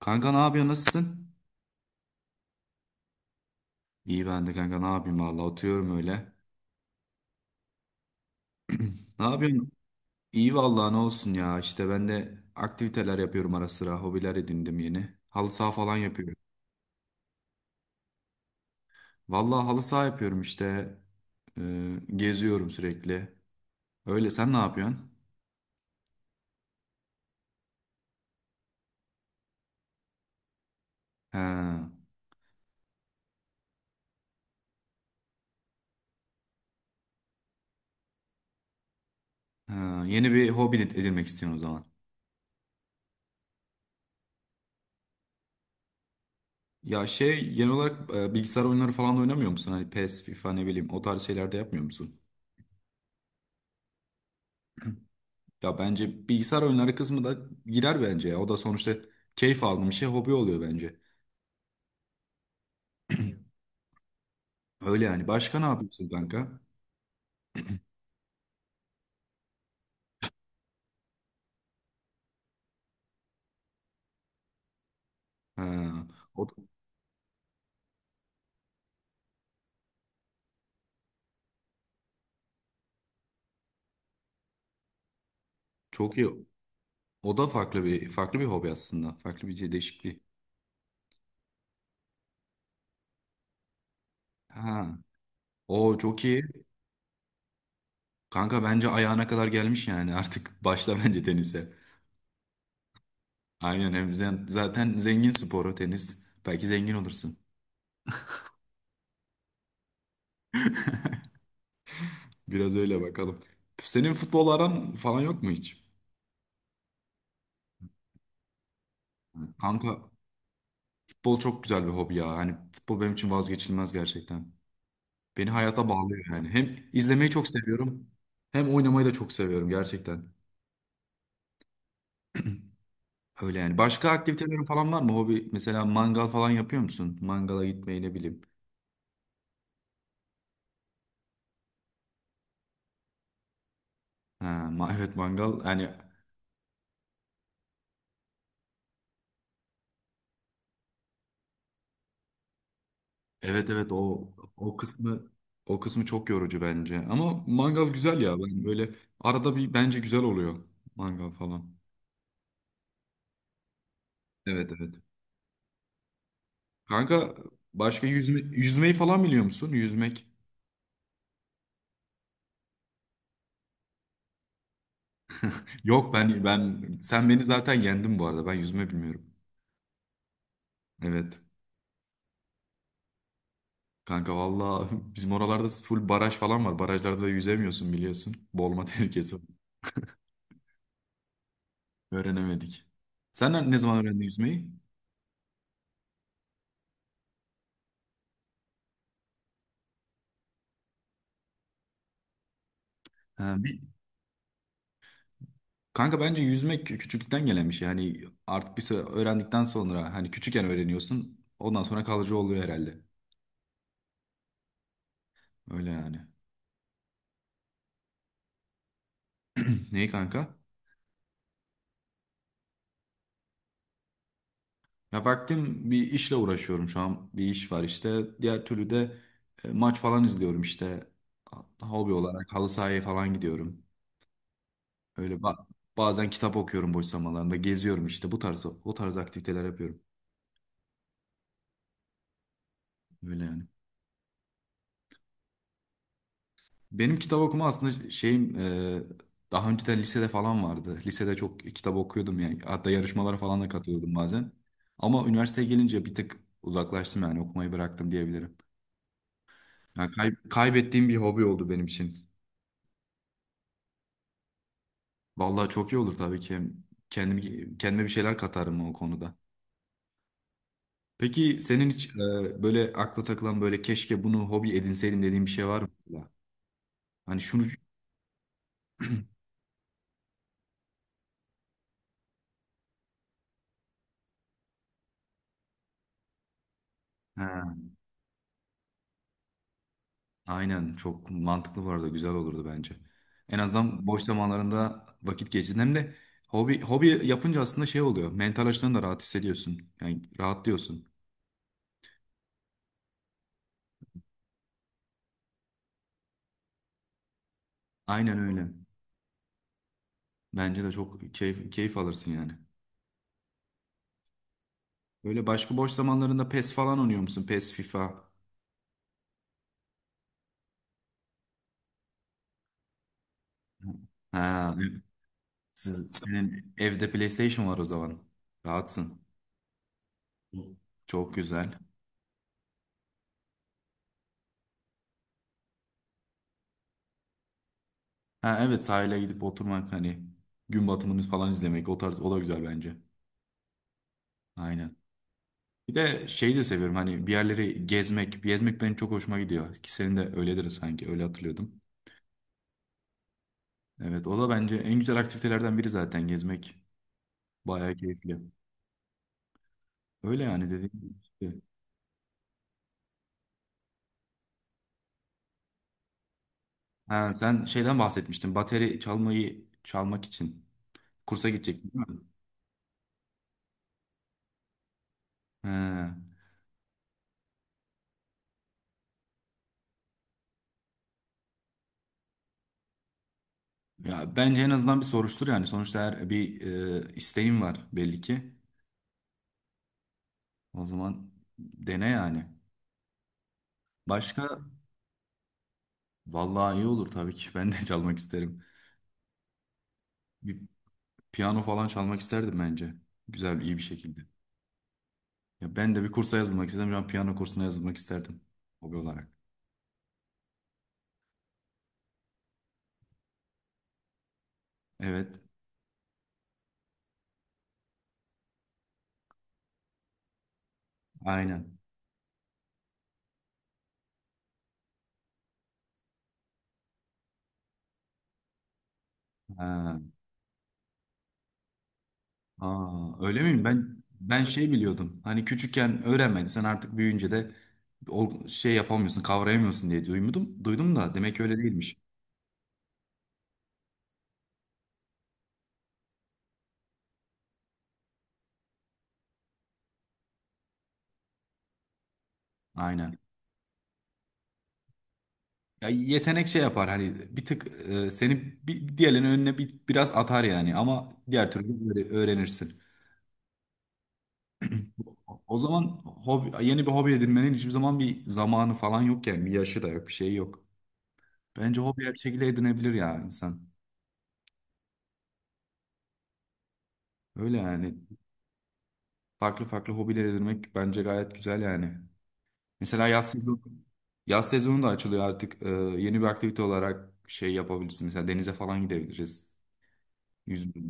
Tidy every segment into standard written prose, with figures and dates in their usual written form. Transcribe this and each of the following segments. Kanka, ne yapıyorsun? Nasılsın? İyi ben de kanka, ne yapayım, valla oturuyorum öyle. Ne yapıyorsun? İyi valla, ne olsun ya, işte ben de aktiviteler yapıyorum, ara sıra hobiler edindim yeni. Halı saha falan yapıyorum. Valla halı saha yapıyorum işte. Geziyorum sürekli. Öyle, sen ne yapıyorsun? He, he, yeni bir hobi edinmek istiyorsun o zaman. Ya şey, genel olarak bilgisayar oyunları falan da oynamıyor musun? Hani PES, FIFA, ne bileyim, o tarz şeyler de yapmıyor musun? Ya bence bilgisayar oyunları kısmı da girer bence ya. O da sonuçta keyif aldığım bir şey, hobi oluyor bence. Öyle yani. Başka ne yapıyorsun kanka? Ha, o da- çok iyi. O da farklı bir hobi aslında. Farklı bir şey, değişikliği. Ha. O çok iyi. Kanka bence ayağına kadar gelmiş yani. Artık başla bence tenise. Aynen, hem zaten zengin sporu tenis. Belki zengin olursun. Biraz öyle bakalım. Senin futbol aran falan yok mu hiç? Kanka, futbol çok güzel bir hobi ya. Hani futbol benim için vazgeçilmez gerçekten. Beni hayata bağlıyor yani. Hem izlemeyi çok seviyorum, hem oynamayı da çok seviyorum gerçekten. Öyle yani. Başka aktivitelerin falan var mı hobi? Mesela mangal falan yapıyor musun? Mangala gitmeyi, ne bileyim. Ha, evet, mangal. Yani evet, evet, o o kısmı o kısmı çok yorucu bence. Ama mangal güzel ya. Ben böyle arada bir, bence güzel oluyor mangal falan. Evet, evet. Kanka, başka yüzme, yüzmeyi falan biliyor musun? Yüzmek. Yok, ben sen beni zaten yendin bu arada. Ben yüzme bilmiyorum. Evet. Kanka, valla, bizim oralarda full baraj falan var. Barajlarda da yüzemiyorsun biliyorsun. Boğulma tehlikesi var. Öğrenemedik. Sen ne zaman öğrendin yüzmeyi? Ha, kanka bence yüzmek küçüklükten gelen bir şey. Yani artık bir süre öğrendikten sonra, hani küçükken öğreniyorsun. Ondan sonra kalıcı oluyor herhalde. Öyle yani. Neyi kanka? Ya vaktim, bir işle uğraşıyorum şu an. Bir iş var işte. Diğer türlü de maç falan izliyorum işte. Hobi olarak halı sahaya falan gidiyorum. Öyle bazen kitap okuyorum boş zamanlarında. Geziyorum işte, bu tarz o tarz aktiviteler yapıyorum. Öyle yani. Benim kitap okuma aslında şeyim, daha önceden lisede falan vardı. Lisede çok kitap okuyordum yani. Hatta yarışmalara falan da katılıyordum bazen. Ama üniversiteye gelince bir tık uzaklaştım, yani okumayı bıraktım diyebilirim. Yani kaybettiğim bir hobi oldu benim için. Vallahi çok iyi olur tabii ki. Hem kendimi, kendime bir şeyler katarım o konuda. Peki senin hiç böyle akla takılan, böyle keşke bunu hobi edinseydim dediğin bir şey var mı, mesela? Hani şunu. Ha, aynen, çok mantıklı bu arada, güzel olurdu bence. En azından boş zamanlarında vakit geçirdin. Hem de hobi yapınca aslında şey oluyor. Mental açıdan da rahat hissediyorsun. Yani rahatlıyorsun. Aynen öyle. Bence de çok keyif alırsın yani. Böyle başka boş zamanlarında PES falan oynuyor musun? PES, FIFA. Ha, senin evde PlayStation var o zaman. Rahatsın. Çok güzel. Ha, evet, sahile gidip oturmak, hani gün batımını falan izlemek, o tarz, o da güzel bence. Aynen. Bir de şeyi de seviyorum, hani bir yerleri gezmek. Gezmek benim çok hoşuma gidiyor. Ki senin de öyledir sanki, öyle hatırlıyordum. Evet, o da bence en güzel aktivitelerden biri zaten gezmek. Bayağı keyifli. Öyle yani, dediğim gibi, işte. Ha, sen şeyden bahsetmiştin. Bateri çalmak için kursa gidecektin değil mi? He. Ya bence en azından bir soruştur yani. Sonuçta her bir isteğim var belli ki. O zaman dene yani. Başka vallahi iyi olur tabii ki. Ben de çalmak isterim. Bir piyano falan çalmak isterdim bence. Güzel, iyi bir şekilde. Ya ben de bir kursa yazılmak istedim. Ben piyano kursuna yazılmak isterdim hobi olarak. Evet, aynen. Ha. Aa, öyle miyim? Ben şey biliyordum. Hani küçükken öğrenmedin, sen artık büyüyünce de şey yapamıyorsun, kavrayamıyorsun diye duydum. Duydum da demek ki öyle değilmiş. Aynen. Ya yetenek şey yapar, hani bir tık seni bir, diğerlerinin önüne bir, biraz atar yani, ama diğer türlü öğrenirsin. O zaman yeni bir hobi edinmenin hiçbir zaman bir zamanı falan yok yani, bir yaşı da yok, bir şey yok. Bence hobi her şekilde edinebilir ya insan. Öyle yani, farklı farklı hobiler edinmek bence gayet güzel yani. Mesela yaz sezonu da açılıyor artık. Yeni bir aktivite olarak şey yapabilirsin. Mesela denize falan gidebiliriz. Yüzme.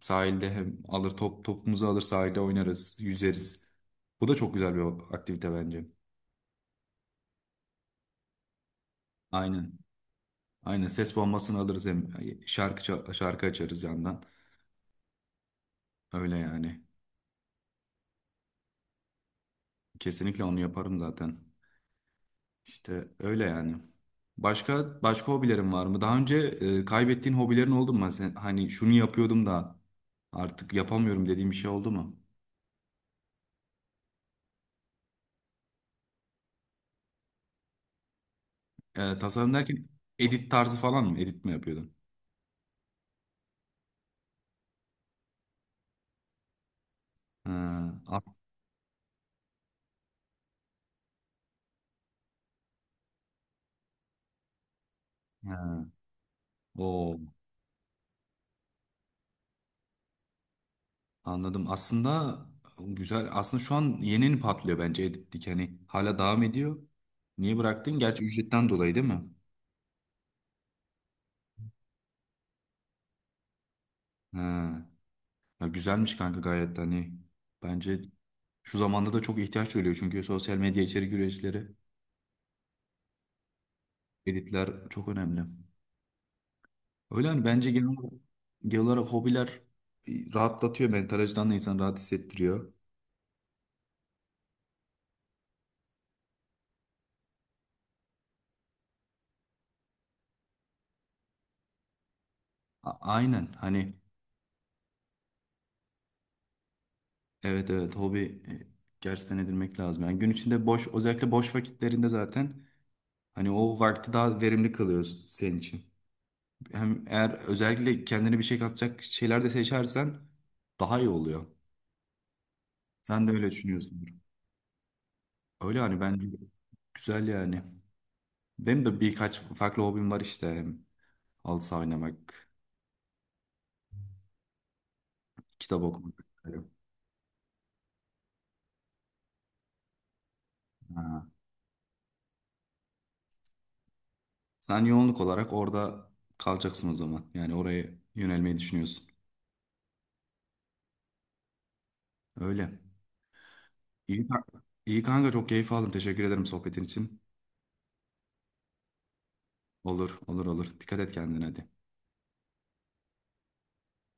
Sahilde hem alır top topumuzu alır sahilde oynarız, yüzeriz. Bu da çok güzel bir aktivite bence. Aynen. Aynen, ses bombasını alırız, hem şarkı açarız yandan. Öyle yani. Kesinlikle onu yaparım zaten. İşte öyle yani. Başka başka hobilerin var mı? Daha önce kaybettiğin hobilerin oldu mu? Hani şunu yapıyordum da artık yapamıyorum dediğim bir şey oldu mu? Tasarım derken edit tarzı falan mı? Edit mi yapıyordun? Ha, ha. Oo. Anladım. Aslında güzel. Aslında şu an yeni yeni patlıyor bence Edit'lik. Hani hala devam ediyor. Niye bıraktın? Gerçi ücretten dolayı değil mi? He. Ya güzelmiş kanka, gayet de hani. Bence şu zamanda da çok ihtiyaç duyuluyor, çünkü sosyal medya içerik üreticileri, editler çok önemli. Öyle hani bence genel olarak hobiler rahatlatıyor. Mental açıdan da insanı rahat hissettiriyor. Aynen. Hani evet, evet, hobi e, gerçekten edinmek lazım. Yani gün içinde özellikle boş vakitlerinde zaten, hani o vakti daha verimli kalıyor senin için. Hem eğer özellikle kendine bir şey katacak şeyler de seçersen daha iyi oluyor. Sen de öyle düşünüyorsundur. Öyle hani bence güzel yani. Benim de birkaç farklı hobim var işte. Halı saha oynamak, kitap okumak. Ha. Sen yoğunluk olarak orada kalacaksın o zaman. Yani oraya yönelmeyi düşünüyorsun. Öyle. İyi, iyi kanka, çok keyif aldım. Teşekkür ederim sohbetin için. Olur, olur, olur. Dikkat et kendine, hadi.